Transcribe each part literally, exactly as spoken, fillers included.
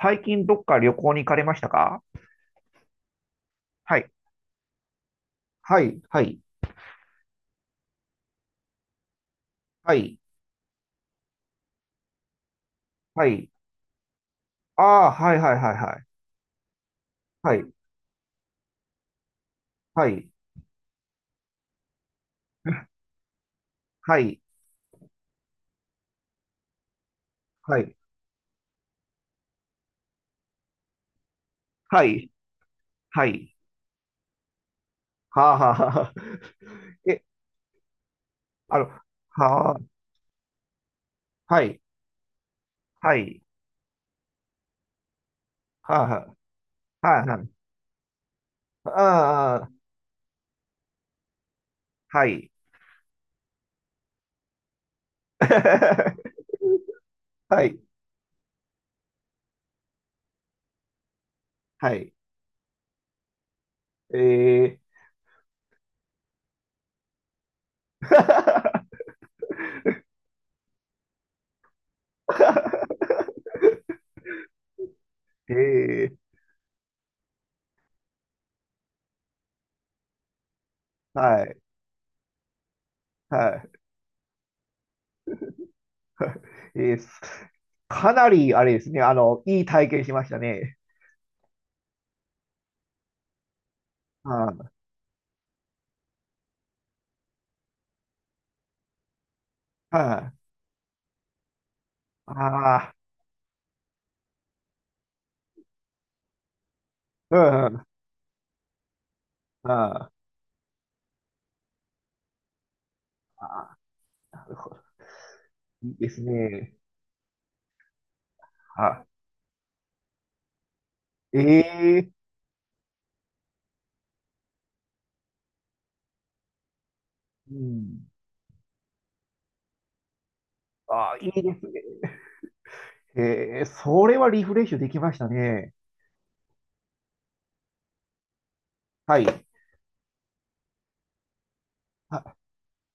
最近どっか旅行に行かれましたか？はい。はい。はい。はい。はい。ああ、はいはいはいはい。はい。はい。はい。はい。はい。はい。はあ、はあ、はあ。え、あの、はあ、はい。はい。はあ、はあ、はあ、はあ、ああはい。はい。はい。ええー、ええー、はい。はい。えー、かなり、あれですね、あの、いい体験しましたね。うん、うん。ああ、うん、うん。ああ、いいですね。はええうん。ああ、いいですね。ええ、それはリフレッシュできましたね。はい。あ、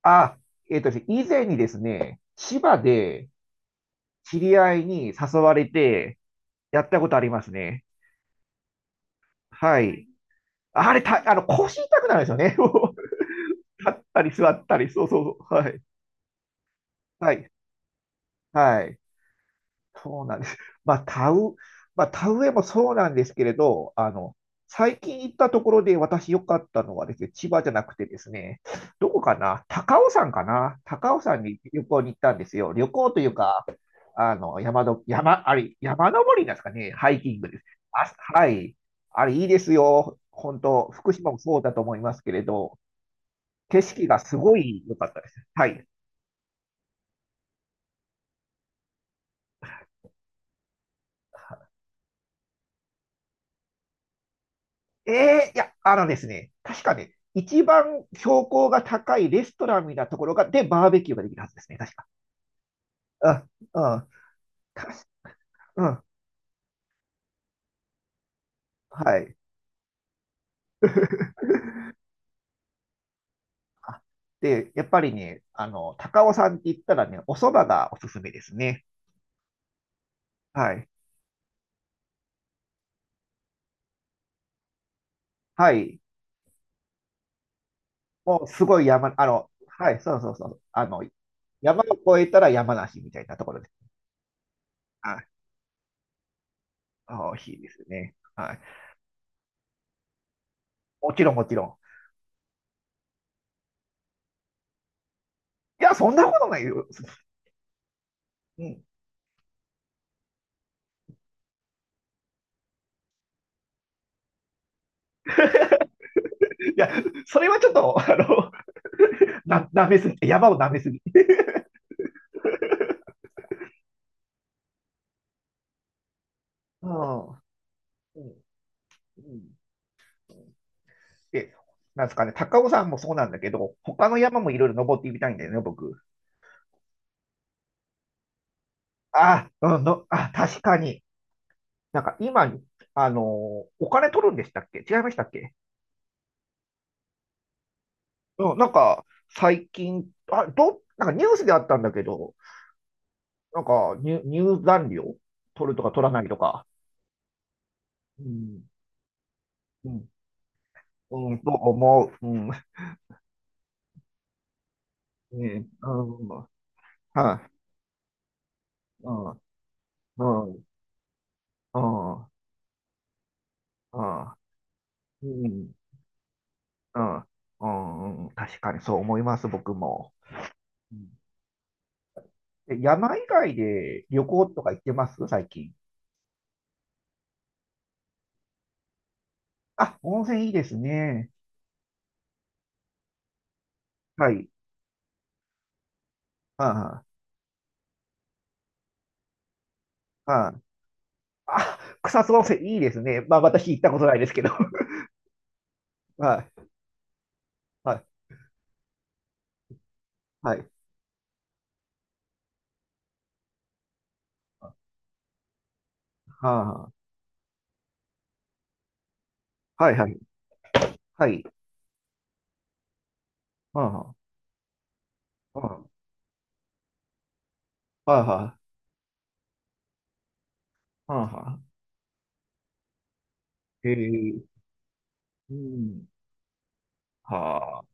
あ、えっと、以前にですね、千葉で知り合いに誘われてやったことありますね。はい。あれ、た、あの、腰痛くなるんですよね。立ったり座ったり、そうそうそう。はい。はい。はい。そうなんです。まあ、田植、まあ、田植えもそうなんですけれど、あの、最近行ったところで私良かったのはですね、千葉じゃなくてですね、どこかな、高尾山かな、高尾山に旅行に行ったんですよ。旅行というか、あの、山の、山、あれ、山登りなんですかね、ハイキングです。あ、はい。あれ、いいですよ。本当、福島もそうだと思いますけれど、景色がすごい良かったです。はい。ええ、いや、あのですね、確かね、一番標高が高いレストランみたいなところが、で、バーベキューができるはずですね、確か。うん、うん、確か、うん、はい。あ、で、やっぱりね、あの、高尾山って言ったらね、お蕎麦がおすすめですね。はい。はい。もうすごい山、あの、はい、そうそうそう。あの、山を越えたら山梨みたいなところです。はい。あ、美味しいですね。はい。もちろん、もちろん。いや、そんなことないよ。うん。いや、それはちょっと、あの、な、舐めすぎ、山を舐めすぎ。うん、うん、で、なんですかね、高尾山もそうなんだけど、他の山もいろいろ登ってみたいんだよね、僕。あ、うん、の、あ、確かに。なんか今、あのお金取るんでしたっけ？違いましたっけ？うん、なんか、最近、あ、ど、なんかニュースであったんだけど、なんか入、入山料取るとか取らないとか。うん、うん、うん、と思う。うん、うん、うん、はい。うん、うん、うん、うん、うん、うん、うん、うん、確かにそう思います、僕も。うん、え、山以外で旅行とか行ってます？最近。あ、温泉いいですね。はい。ああ、ああ、あ、草津温泉いいですね。まあ私行ったことないですけど。はい、はい、はい。はあ、はい、はい、はい。はあ、はあ、はあ、はあ。はあ、へえ、うん。はあ。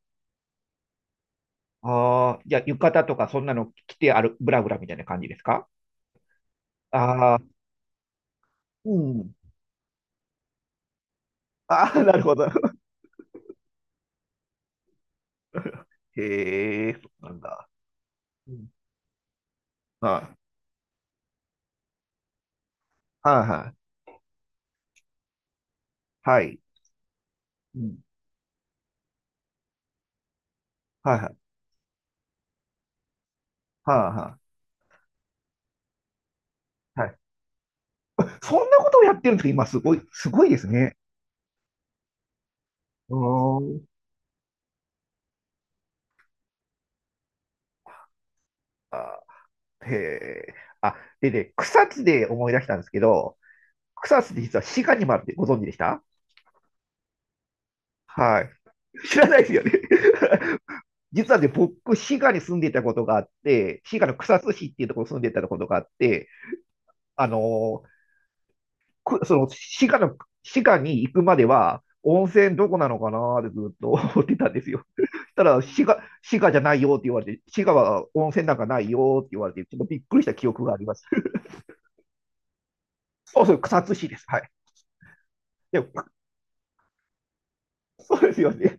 ああ、じゃあ、浴衣とかそんなの着てある、ブラブラみたいな感じですか？ああー、うん。ああ、なるほど。へえ、そうなんだ。うん。はい。はいはい。はい。うん。はい。はいはい。はい。そんなことをやってるんですか？今、すごい、すごいですね。うーん。あ、へえ。あ、でね、草津で思い出したんですけど、草津って実は滋賀にもあるってご存知でした？はい。知らないですよね。実はね、僕、滋賀に住んでいたことがあって、滋賀の草津市っていうところに住んでいたことがあって、あのーくその滋賀の、滋賀に行くまでは、温泉どこなのかなってずっと 思ってたんですよ。そしたら、滋賀、滋賀じゃないよって言われて、滋賀は温泉なんかないよって言われて、ちょっとびっくりした記憶があります。そうそう、草津市です。はい。でも、そうですよね。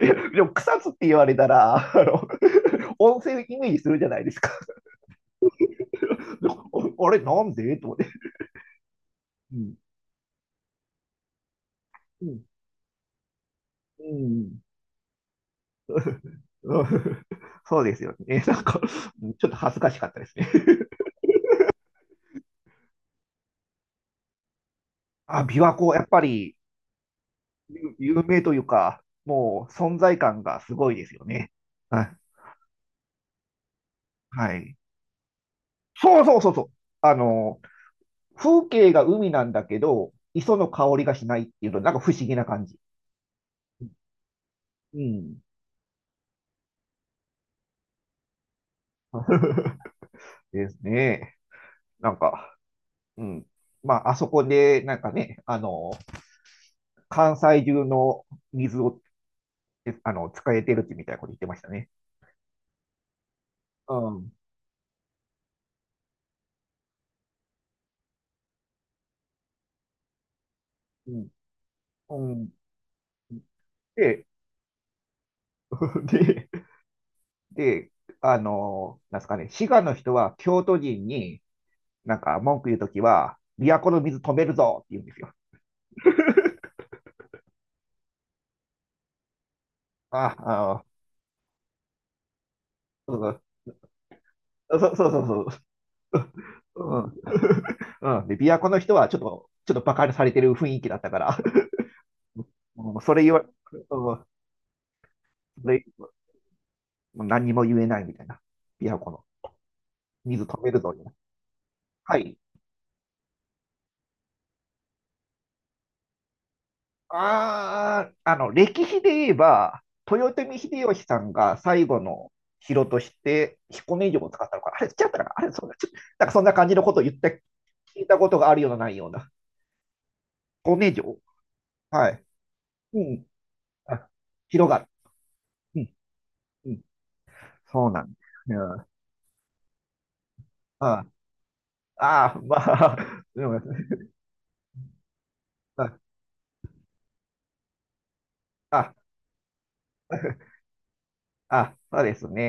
で、でも、草津って言われたら、あの、温泉イメージするじゃないですか。あれ、なんでと思って。うん。うん。うん。うん、そうですよね。なんか、ちょっと恥ずかしかったですね。あ、琵琶湖、やっぱり有有名というか、もう存在感がすごいですよね。はい。はい。そうそうそうそう。あの、風景が海なんだけど、磯の香りがしないっていうの、なんか不思議な感じ。うん。ですね。なんか、うん。まあ、あそこで、なんかね、あの、関西中の水を、えあの、使えてるってみたいなこと言ってましたね。うん。うん。うんで、で、で、あの、なんですかね、滋賀の人は京都人になんか文句言うときは、都の水止めるぞって言うんですよ。あ、あの、そうそうそうそうそう。うん。うん。で、琵琶湖の人はちょっと、ちょっとバカにされてる雰囲気だったから、うん、それ言わ、うん、それ、もう何にも言えないみたいな。琵琶湖の水止めるぞ、みたいな。はい。ああ、あの、歴史で言えば、豊臣秀吉さんが最後の城として彦根城を使ったのか、あれ、違ったかな、あれ、そうだ、ちょっとなんかそんな感じのことを言った、聞いたことがあるような、ないような。彦根城。はい。うん。あ、広がる。うん。うん。そうなんです。うん。ああ、ああ、まあ、うん、あ、あ、あ、そうですね。